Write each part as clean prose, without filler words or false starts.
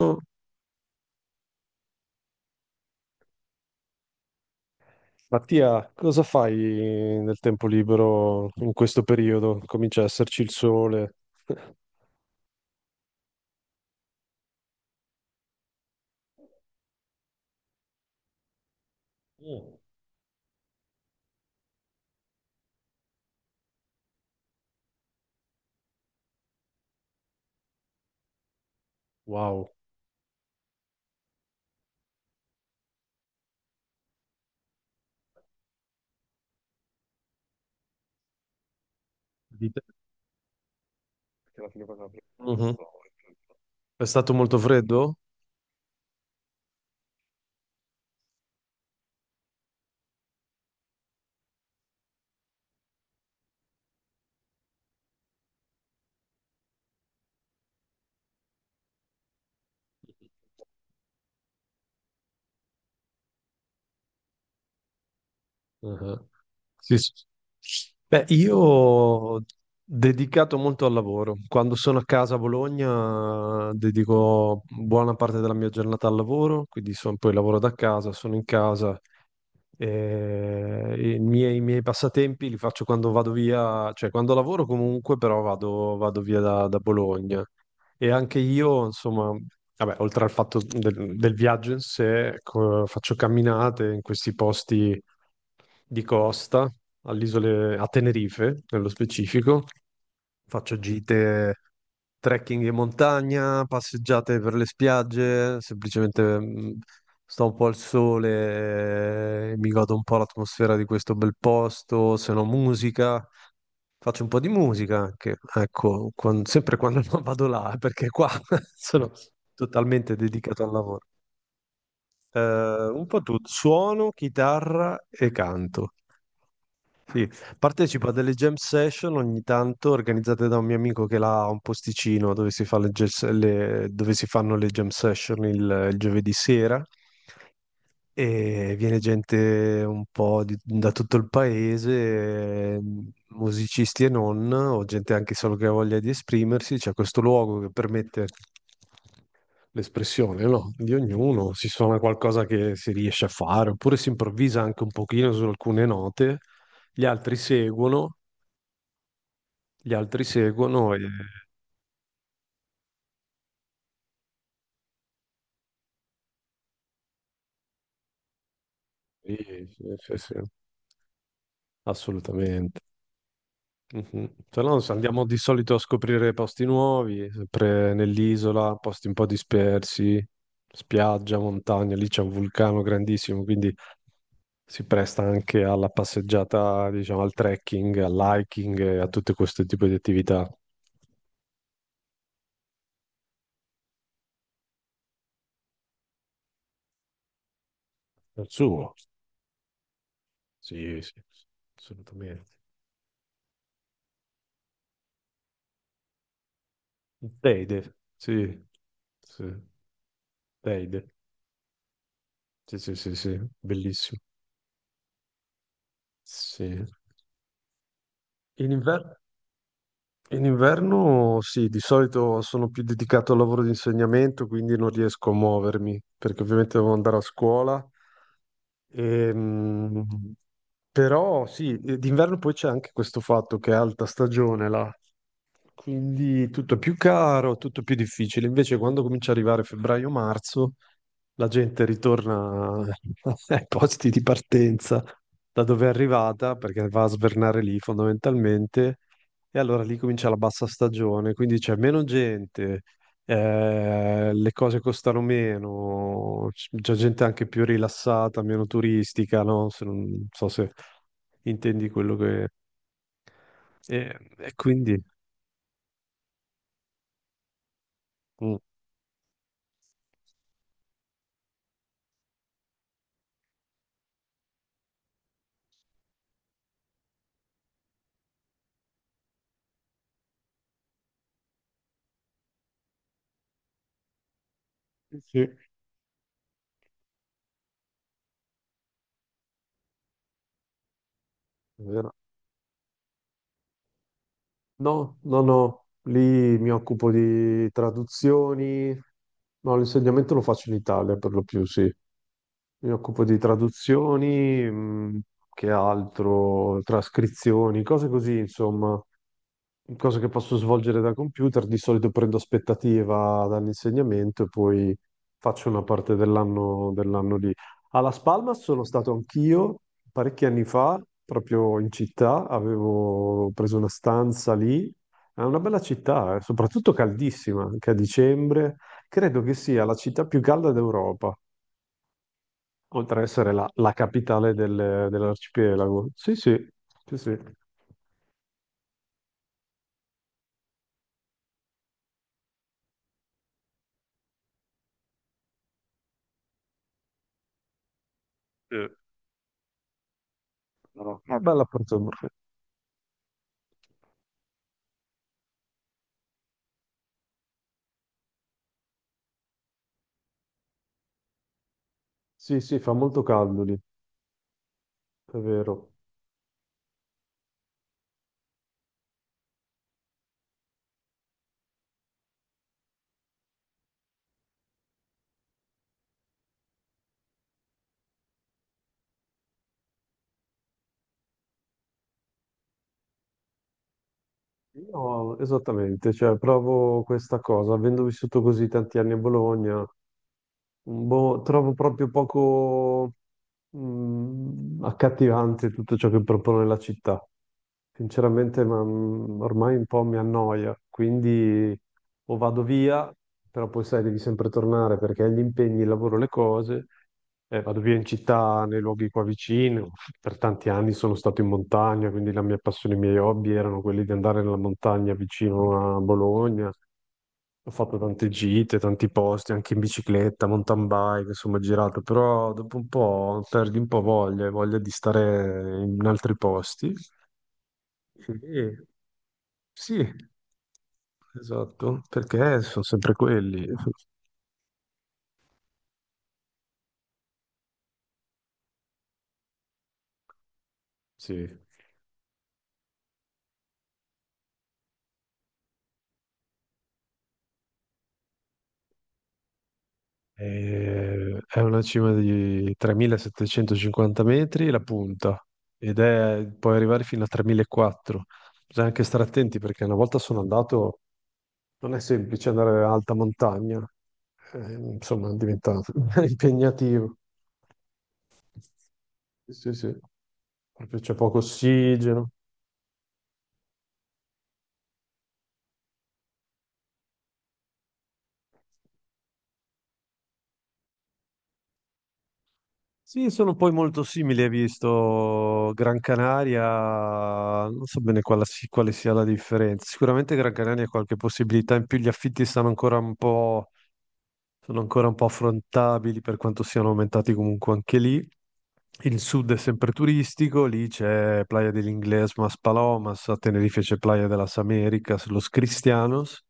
Mm. Mattia, cosa fai nel tempo libero in questo periodo? Comincia a esserci il sole. Mm. Wow. Dite che alla fine Mhm. È stato molto freddo? Ah, sì, sì. Beh, io ho dedicato molto al lavoro. Quando sono a casa a Bologna, dedico buona parte della mia giornata al lavoro, quindi poi lavoro da casa, sono in casa. I miei passatempi li faccio quando vado via, cioè quando lavoro comunque, però vado via da Bologna. E anche io, insomma, vabbè, oltre al fatto del viaggio in sé, ecco, faccio camminate in questi posti di costa, all'isole, a Tenerife nello specifico. Faccio gite trekking in montagna, passeggiate per le spiagge, semplicemente sto un po' al sole, mi godo un po' l'atmosfera di questo bel posto, se no musica. Faccio un po' di musica anche, ecco, sempre quando non vado là, perché qua sono totalmente dedicato al lavoro. Un po' tutto, suono, chitarra e canto. Sì, partecipo a delle jam session ogni tanto organizzate da un mio amico che là ha un posticino dove si fa dove si fanno le jam session il giovedì sera e viene gente un po' da tutto il paese, musicisti e non, o gente anche solo che ha voglia di esprimersi. C'è questo luogo che permette l'espressione, no? Di ognuno, si suona qualcosa che si riesce a fare, oppure si improvvisa anche un pochino su alcune note, gli altri seguono gli altri seguono e... Sì, sì, sì, sì, assolutamente. Mhm. Se no, se andiamo di solito a scoprire posti nuovi, sempre nell'isola, posti un po' dispersi, spiaggia, montagna, lì c'è un vulcano grandissimo, quindi si presta anche alla passeggiata, diciamo, al trekking, all'hiking e a tutto questo tipo di attività. Al suo? Sì, sì, assolutamente. Teide, sì, sì, Teide, sì, sì, sì, sì, bellissimo. Sì. In inver- in inverno sì, di solito sono più dedicato al lavoro di insegnamento, quindi non riesco a muovermi, perché ovviamente devo andare a scuola. Ehm, però sì, d'inverno poi c'è anche questo fatto che è alta stagione là. Quindi tutto è più caro, tutto più difficile. Invece, quando comincia a arrivare febbraio-marzo, la gente ritorna ai posti di partenza da dove è arrivata, perché va a svernare lì fondamentalmente, e allora lì comincia la bassa stagione, quindi c'è meno gente, le cose costano meno, c'è gente anche più rilassata, meno turistica, no? Se non non so se intendi quello che... E, e quindi... Mm. Sì. Vero. No, no, no, lì mi occupo di traduzioni, no, l'insegnamento lo faccio in Italia per lo più, sì. Mi occupo di traduzioni, che altro, trascrizioni, cose così, insomma. Cosa che posso svolgere da computer, di solito prendo aspettativa dall'insegnamento e poi faccio una parte dell'anno lì. A Las Palmas sono stato anch'io parecchi anni fa, proprio in città, avevo preso una stanza lì. È una bella città, soprattutto caldissima, anche a dicembre. Credo che sia la città più calda d'Europa, oltre ad essere la capitale dell'arcipelago. Sì, sì, sì, sì. Eh, no, no. Una bella Porto. Sì, sì, fa molto caldo lì, è vero. Io esattamente, cioè, provo questa cosa, avendo vissuto così tanti anni a Bologna, boh, trovo proprio poco accattivante tutto ciò che propone la città. Sinceramente, ma, ormai un po' mi annoia, quindi o vado via, però poi sai, devi sempre tornare perché hai gli impegni, il lavoro, le cose. Vado via in città, nei luoghi qua vicino. Per tanti anni sono stato in montagna, quindi la mia passione, i miei hobby erano quelli di andare nella montagna vicino a Bologna, ho fatto tante gite, tanti posti, anche in bicicletta, mountain bike, insomma, ho girato, però dopo un po' perdi un po' voglia, voglia di stare in altri posti. E- sì, esatto, perché sono sempre quelli. Sì. È una cima di 3750 metri la punta ed è, puoi arrivare fino a 3400. Bisogna anche stare attenti perché una volta sono andato. Non è semplice andare in alta montagna, insomma, diventa impegnativo. Sì, sì, proprio c'è poco ossigeno. Sì, sono poi molto simili, hai visto Gran Canaria, non so bene quale, quale sia la differenza. Sicuramente Gran Canaria ha qualche possibilità in più, gli affitti stanno ancora un po', sono ancora un po' affrontabili per quanto siano aumentati comunque anche lì. Il sud è sempre turistico, lì c'è Playa del Inglés, Mas Palomas, a Tenerife c'è Playa de las Américas, Los Cristianos,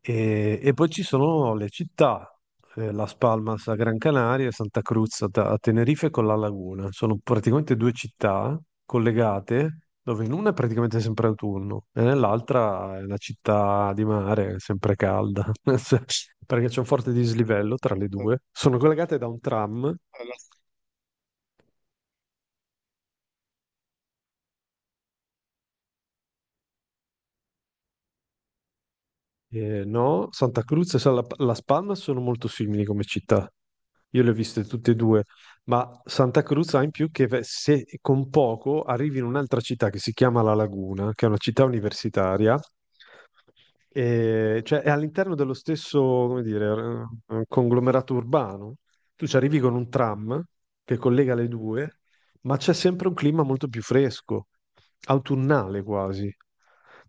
e poi ci sono le città, Las Palmas a Gran Canaria e Santa Cruz a Tenerife con La Laguna. Sono praticamente due città collegate, dove in una è praticamente sempre autunno e nell'altra è una città di mare, sempre calda. Cioè, perché c'è un forte dislivello tra le due. Sono collegate da un tram. Eh, no, Santa Cruz e Las Palmas sono molto simili come città, io le ho viste tutte e due, ma Santa Cruz ha in più che se con poco arrivi in un'altra città che si chiama La Laguna, che è una città universitaria, e, cioè, è all'interno dello stesso, come dire, conglomerato urbano. Tu ci arrivi con un tram che collega le due, ma c'è sempre un clima molto più fresco, autunnale quasi.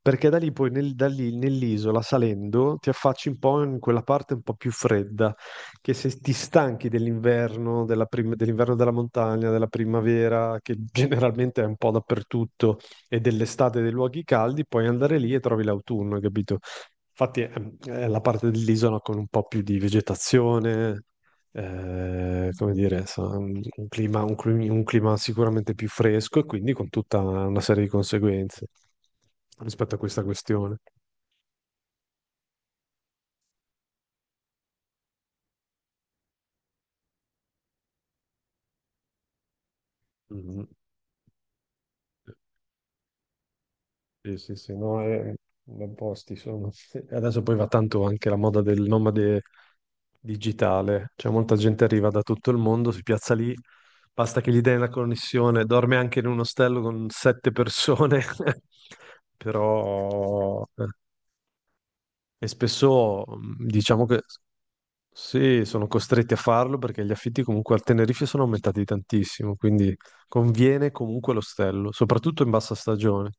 Perché da lì da lì, nell'isola, salendo, ti affacci un po' in quella parte un po' più fredda, che se ti stanchi dell'inverno, dell'inverno della montagna, della primavera, che generalmente è un po' dappertutto, e dell'estate dei luoghi caldi, puoi andare lì e trovi l'autunno, hai capito? Infatti è la parte dell'isola con un po' più di vegetazione, come dire, un clima, un clima sicuramente più fresco e quindi con tutta una serie di conseguenze rispetto a questa questione. Mhm. Sì, sì, sì, no, è... ben posti sono. E adesso poi va tanto anche la moda del nomade digitale, cioè molta gente arriva da tutto il mondo, si piazza lì, basta che gli dai la connessione, dorme anche in un ostello con 7 persone. Però... e spesso diciamo che sì, sono costretti a farlo perché gli affitti comunque a Tenerife sono aumentati tantissimo, quindi conviene comunque l'ostello, soprattutto in bassa stagione.